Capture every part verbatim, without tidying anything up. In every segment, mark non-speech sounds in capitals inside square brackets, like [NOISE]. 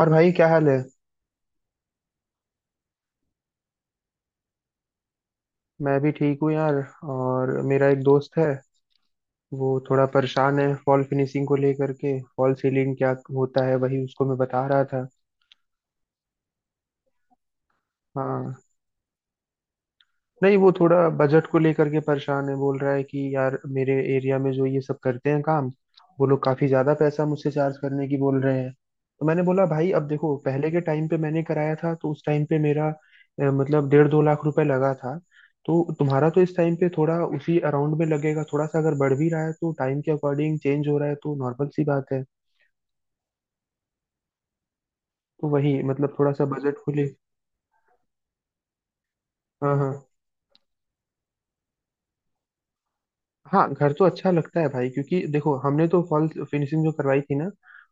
और भाई, क्या हाल है। मैं भी ठीक हूँ यार। और मेरा एक दोस्त है। वो थोड़ा परेशान है फॉल फिनिशिंग को लेकर के। फॉल सीलिंग क्या होता है वही उसको मैं बता रहा था। हाँ। नहीं, वो थोड़ा बजट को लेकर के परेशान है। बोल रहा है कि यार, मेरे एरिया में जो ये सब करते हैं काम, वो लोग काफी ज्यादा पैसा मुझसे चार्ज करने की बोल रहे हैं। तो मैंने बोला भाई, अब देखो, पहले के टाइम पे मैंने कराया था तो उस टाइम पे मेरा अ, मतलब डेढ़ दो लाख रुपए लगा था। तो तुम्हारा तो इस टाइम पे थोड़ा उसी अराउंड में लगेगा। थोड़ा सा अगर बढ़ भी रहा है तो टाइम के अकॉर्डिंग चेंज हो रहा है, तो नॉर्मल सी बात है। तो वही मतलब थोड़ा सा बजट को ले। हाँ हाँ। हाँ, घर तो अच्छा लगता है भाई, क्योंकि देखो, हमने तो फॉल फिनिशिंग जो करवाई थी ना,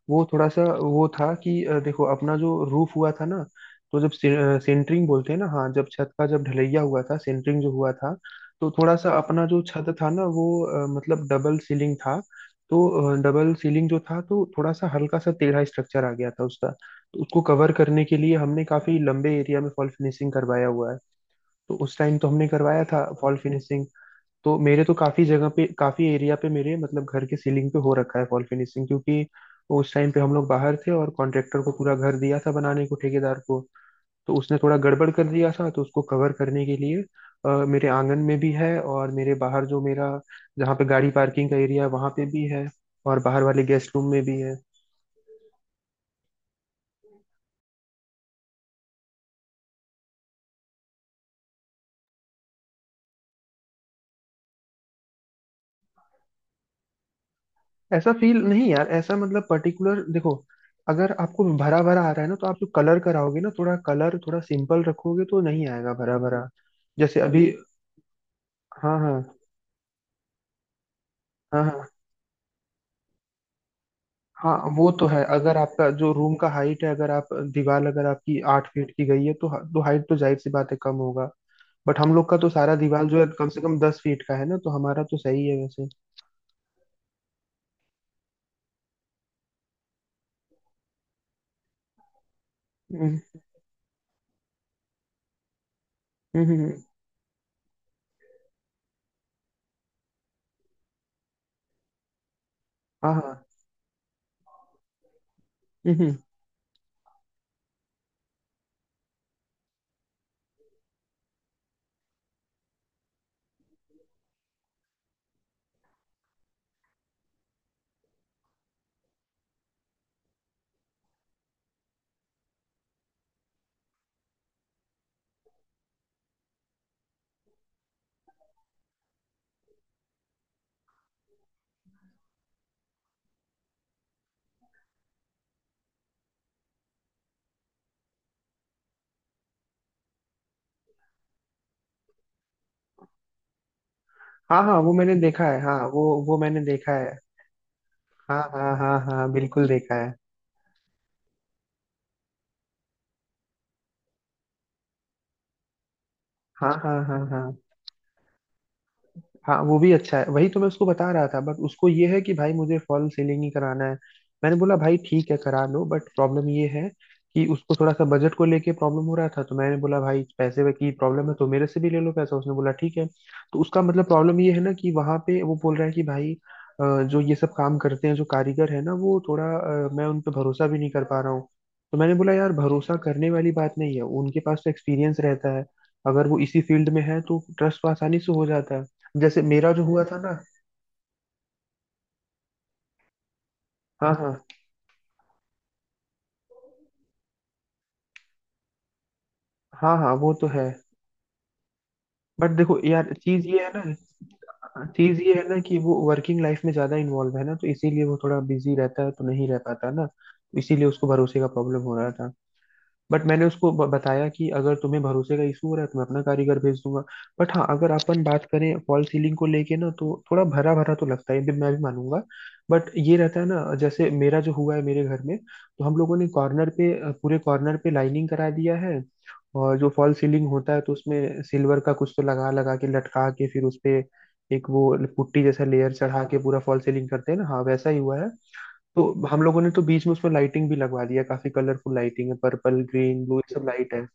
वो थोड़ा सा वो था कि अ, देखो, अपना जो रूफ हुआ था ना, तो जब से अ, सेंटरिंग बोलते हैं ना, हाँ, जब छत का, जब ढलैया हुआ था, सेंटरिंग जो हुआ था, तो थोड़ा सा अपना जो छत था ना वो, अ, मतलब डबल सीलिंग था। तो डबल सीलिंग जो था तो थोड़ा सा हल्का सा टेढ़ा स्ट्रक्चर आ गया था उसका। तो उसको कवर करने के लिए हमने काफी लंबे एरिया में फॉल फिनिशिंग करवाया हुआ है। तो उस टाइम तो हमने करवाया था फॉल फिनिशिंग। तो मेरे तो काफी जगह पे, काफी एरिया पे, मेरे मतलब घर के सीलिंग पे हो रखा है वॉल फिनिशिंग, क्योंकि उस टाइम पे हम लोग बाहर थे और कॉन्ट्रेक्टर को पूरा घर दिया था बनाने को, ठेकेदार को। तो उसने थोड़ा गड़बड़ कर दिया था, तो उसको कवर करने के लिए अ, मेरे आंगन में भी है, और मेरे बाहर जो मेरा, जहाँ पे गाड़ी पार्किंग का एरिया है वहां पे भी है। और बाहर वाले गेस्ट रूम में भी है। ऐसा फील नहीं यार, ऐसा मतलब पर्टिकुलर देखो, अगर आपको भरा भरा आ रहा है ना, तो आप जो कलर कराओगे ना, थोड़ा कलर थोड़ा सिंपल रखोगे तो नहीं आएगा भरा भरा। जैसे अभी। हाँ हाँ। हाँ, हाँ हाँ वो तो है। अगर आपका जो रूम का हाइट है, अगर आप दीवार अगर आपकी आठ फीट की गई है, तो तो हाइट तो जाहिर सी बात है कम होगा। बट हम लोग का तो सारा दीवार जो है कम से कम दस फीट का है ना, तो हमारा तो सही है वैसे। हम्म। हम्म, हम्म। हाँ हाँ। हम्म, हम्म। हाँ हाँ, वो मैंने देखा है। हाँ, वो वो मैंने देखा है। हाँ हाँ हाँ हाँ, बिल्कुल देखा है। हाँ हाँ हाँ हाँ। हाँ, वो भी अच्छा है। वही तो मैं उसको बता रहा था, बट उसको ये है कि भाई, मुझे फॉल सीलिंग ही कराना है। मैंने बोला भाई, ठीक है, करा लो, बट प्रॉब्लम ये है कि उसको थोड़ा सा बजट को लेके प्रॉब्लम हो रहा था। तो मैंने बोला भाई, पैसे की प्रॉब्लम है तो मेरे से भी ले लो पैसा। उसने बोला ठीक है। तो उसका मतलब प्रॉब्लम ये है ना कि वहां पे वो बोल रहा है कि भाई, अ, जो ये सब काम करते हैं, जो कारीगर है ना, वो थोड़ा अ, मैं उन पे भरोसा भी नहीं कर पा रहा हूँ। तो मैंने बोला यार, भरोसा करने वाली बात नहीं है, उनके पास तो एक्सपीरियंस रहता है। अगर वो इसी फील्ड में है तो ट्रस्ट तो आसानी से हो जाता है। जैसे मेरा जो हुआ था ना। हाँ हाँ। हाँ हाँ, वो तो है। बट देखो यार, चीज ये है ना, चीज ये है ना कि वो वर्किंग लाइफ में ज्यादा इन्वॉल्व है ना, तो इसीलिए वो थोड़ा बिजी रहता है, तो नहीं रह पाता ना। इसीलिए उसको भरोसे का प्रॉब्लम हो रहा था। बट मैंने उसको ब- बताया कि अगर तुम्हें भरोसे का इशू हो रहा है तो मैं अपना कारीगर भेज दूंगा। बट हाँ, अगर अपन बात करें फॉल सीलिंग को लेके ना, तो थोड़ा भरा भरा तो लगता है, ये भी मैं भी मानूंगा। बट ये रहता है ना, जैसे मेरा जो हुआ है मेरे घर में, तो हम लोगों ने कॉर्नर पे, अ, पूरे कॉर्नर पे लाइनिंग करा दिया है। और जो फॉल सीलिंग होता है तो उसमें सिल्वर का कुछ तो लगा लगा के, लटका के, फिर उस पे एक वो पुट्टी जैसा लेयर चढ़ा के पूरा फॉल सीलिंग करते हैं ना, हाँ, वैसा ही हुआ है। तो हम लोगों ने तो बीच में उसमें लाइटिंग भी लगवा दिया, काफी कलरफुल लाइटिंग है। पर्पल, ग्रीन, ब्लू, ये सब लाइट है।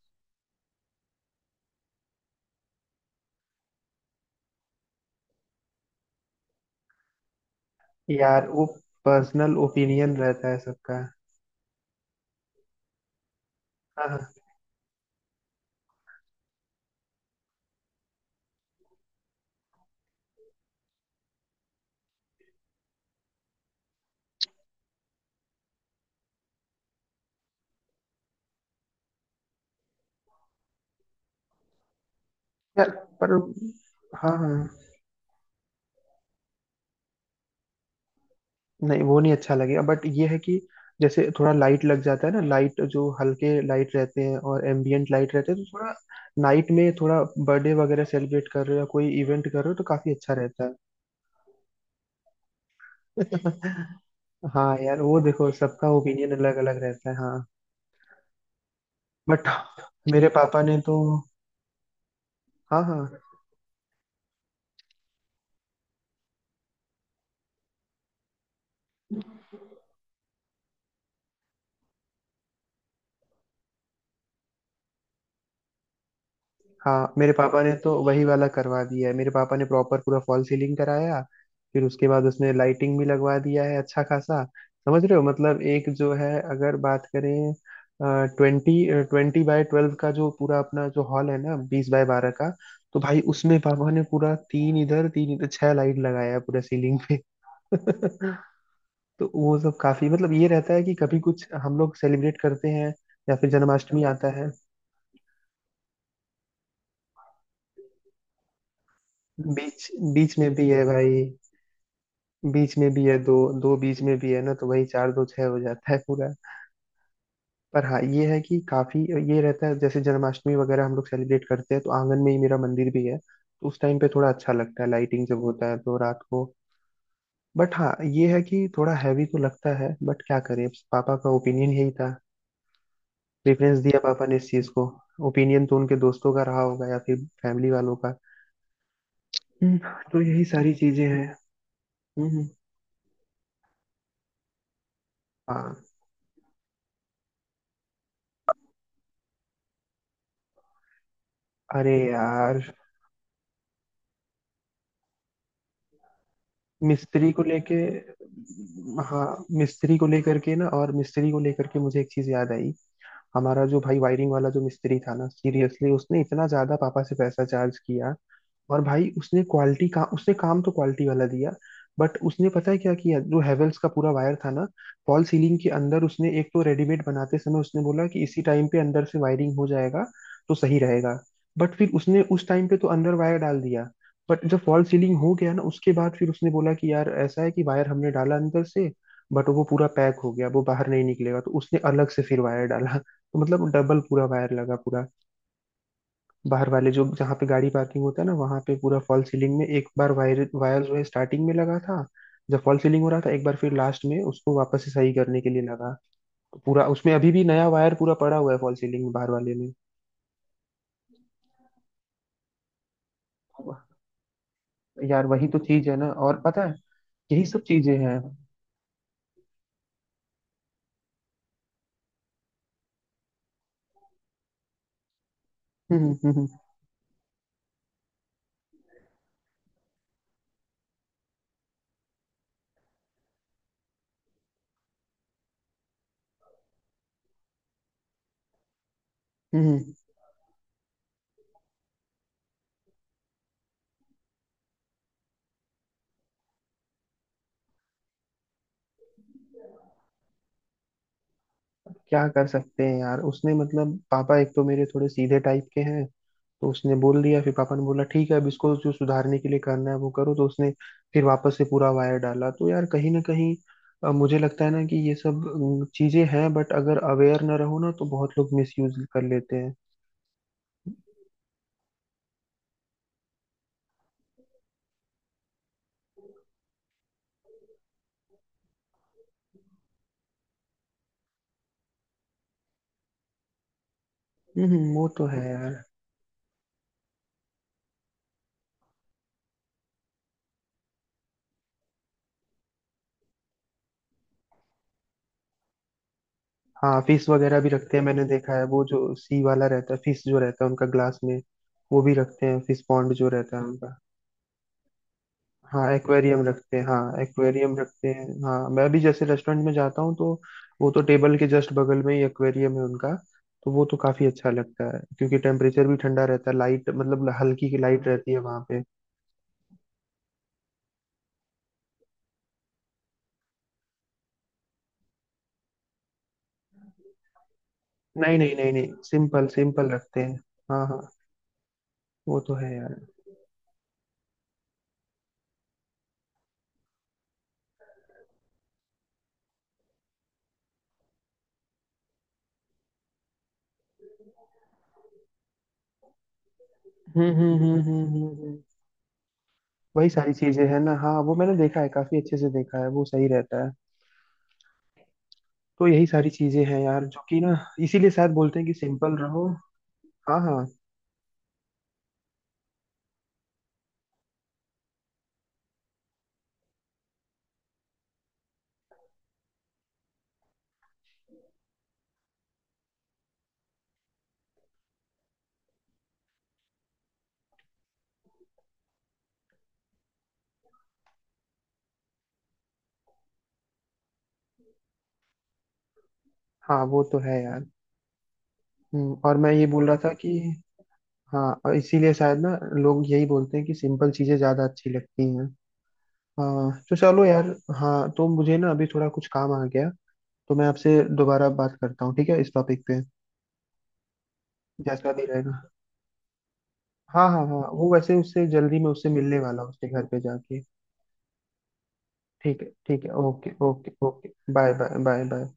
यार, वो पर्सनल ओपिनियन रहता है सबका। हाँ हाँ। यार, पर। हाँ हाँ। नहीं, वो नहीं अच्छा लगेगा, बट ये है कि जैसे थोड़ा लाइट लग जाता है ना, लाइट जो हल्के लाइट रहते हैं और एम्बियंट लाइट रहते हैं तो थोड़ा नाइट में, थोड़ा बर्थडे वगैरह सेलिब्रेट कर रहे हो या कोई इवेंट कर रहे हो, तो काफी अच्छा रहता है। [LAUGHS] हाँ यार, वो देखो, सबका ओपिनियन अलग अलग रहता है, हाँ। बट मेरे पापा ने तो, हाँ हाँ, हाँ, मेरे पापा ने तो वही वाला करवा दिया है। मेरे पापा ने प्रॉपर पूरा फॉल सीलिंग कराया, फिर उसके बाद उसने लाइटिंग भी लगवा दिया है अच्छा खासा। समझ रहे हो? मतलब एक जो है, अगर बात करें ट्वेंटी ट्वेंटी बाय ट्वेल्व का, जो पूरा अपना जो हॉल है ना, बीस बाय बारह का, तो भाई उसमें पापा ने पूरा तीन इधर तीन इधर छह लाइट लगाया है, पूरा सीलिंग पे। [LAUGHS] तो वो सब काफी मतलब ये रहता है कि कभी कुछ हम लोग सेलिब्रेट करते हैं, या फिर जन्माष्टमी आता है। बीच। बीच में भी है भाई। बीच में भी है दो, दो बीच में भी है ना, तो वही चार दो छह हो जाता है पूरा। पर हाँ, ये है कि काफी, ये रहता है जैसे जन्माष्टमी वगैरह हम लोग सेलिब्रेट करते हैं तो आंगन में ही मेरा मंदिर भी है, तो उस टाइम पे थोड़ा अच्छा लगता है, लाइटिंग जब होता है तो रात को। बट हाँ, ये है कि थोड़ा हैवी तो लगता है, बट क्या करें, पापा का ओपिनियन यही था। प्रेफरेंस दिया पापा ने इस चीज को। ओपिनियन तो उनके दोस्तों का रहा होगा, या फिर फैमिली वालों का। हम्म। तो यही सारी चीजें हैं। हम्म, हम्म। हाँ। अरे यार, मिस्त्री को लेके, हाँ, मिस्त्री को लेकर के ना, और मिस्त्री को लेकर के मुझे एक चीज याद आई। हमारा जो भाई वायरिंग वाला जो मिस्त्री था ना, सीरियसली उसने इतना ज्यादा पापा से पैसा चार्ज किया। और भाई उसने क्वालिटी का, उसने काम तो क्वालिटी वाला दिया, बट उसने पता है क्या किया? जो हेवेल्स का पूरा वायर था ना, फॉल सीलिंग के अंदर उसने एक तो रेडीमेड बनाते समय उसने बोला कि इसी टाइम पे अंदर से वायरिंग हो जाएगा तो सही रहेगा। बट फिर उसने उस टाइम पे तो अंदर वायर डाल दिया, बट जब फॉल सीलिंग हो गया ना, उसके बाद फिर उसने बोला कि यार ऐसा है कि वायर हमने डाला अंदर से, बट वो पूरा पैक हो गया, वो बाहर नहीं निकलेगा। तो उसने अलग से फिर वायर डाला, तो मतलब डबल पूरा वायर लगा पूरा। बाहर वाले जो, जहाँ पे गाड़ी पार्किंग होता है ना, वहां पे पूरा फॉल सीलिंग में एक बार वायर, वायर जो है स्टार्टिंग में लगा था जब फॉल सीलिंग हो रहा था, एक बार फिर लास्ट में उसको वापस से सही करने के लिए लगा। तो पूरा उसमें अभी भी नया वायर पूरा पड़ा हुआ है फॉल सीलिंग में, बाहर वाले में। यार, वही तो चीज है ना, और पता है, यही सब चीजें हैं। हम्म, हम्म, हम्म, हम्म। क्या कर सकते हैं यार, उसने मतलब, पापा एक तो मेरे थोड़े सीधे टाइप के हैं, तो उसने बोल दिया, फिर पापा ने बोला ठीक है, अब इसको जो सुधारने के लिए करना है वो करो। तो उसने फिर वापस से पूरा वायर डाला। तो यार, कहीं ना कहीं अ, मुझे लगता है ना कि ये सब अम, चीजें हैं, बट अगर अवेयर ना रहो ना, तो बहुत लोग मिसयूज कर लेते हैं। हम्म, हम्म, वो तो है यार। हाँ, फिश वगैरह भी रखते हैं, मैंने देखा है। वो जो सी वाला रहता है, फिश जो रहता है उनका ग्लास में, वो भी रखते हैं, फिश पॉन्ड जो रहता है उनका। हाँ, एक्वेरियम रखते हैं, हाँ एक्वेरियम रखते हैं, हाँ, मैं भी जैसे रेस्टोरेंट में जाता हूँ तो वो तो टेबल के जस्ट बगल में ही एक्वेरियम है उनका। तो वो तो काफी अच्छा लगता है, क्योंकि टेम्परेचर भी ठंडा रहता है, लाइट मतलब हल्की की लाइट रहती है वहां पे। नहीं नहीं नहीं नहीं, सिंपल सिंपल रखते हैं। हाँ हाँ, वो तो है यार। हम्म, हम्म, हम्म, हम्म, हम्म, हम्म। वही सारी चीजें हैं ना, हाँ, वो मैंने देखा है, काफी अच्छे से देखा है, वो सही रहता है। तो यही सारी चीजें हैं यार, जो कि ना, इसीलिए शायद बोलते हैं कि सिंपल रहो। हाँ हाँ हाँ, वो तो है यार। हम्म, और मैं ये बोल रहा था कि हाँ, और इसीलिए शायद ना लोग यही बोलते हैं कि सिंपल चीजें ज्यादा अच्छी लगती हैं। हाँ, तो चलो यार। हाँ, तो मुझे ना अभी थोड़ा कुछ काम आ गया, तो मैं आपसे दोबारा बात करता हूँ ठीक है, इस टॉपिक पे, जैसा भी रहेगा। हाँ हाँ हाँ, वो वैसे उससे जल्दी, मैं उससे मिलने वाला हूँ, उसके घर पे जाके। ठीक है ठीक है, okay okay okay. Bye bye bye bye.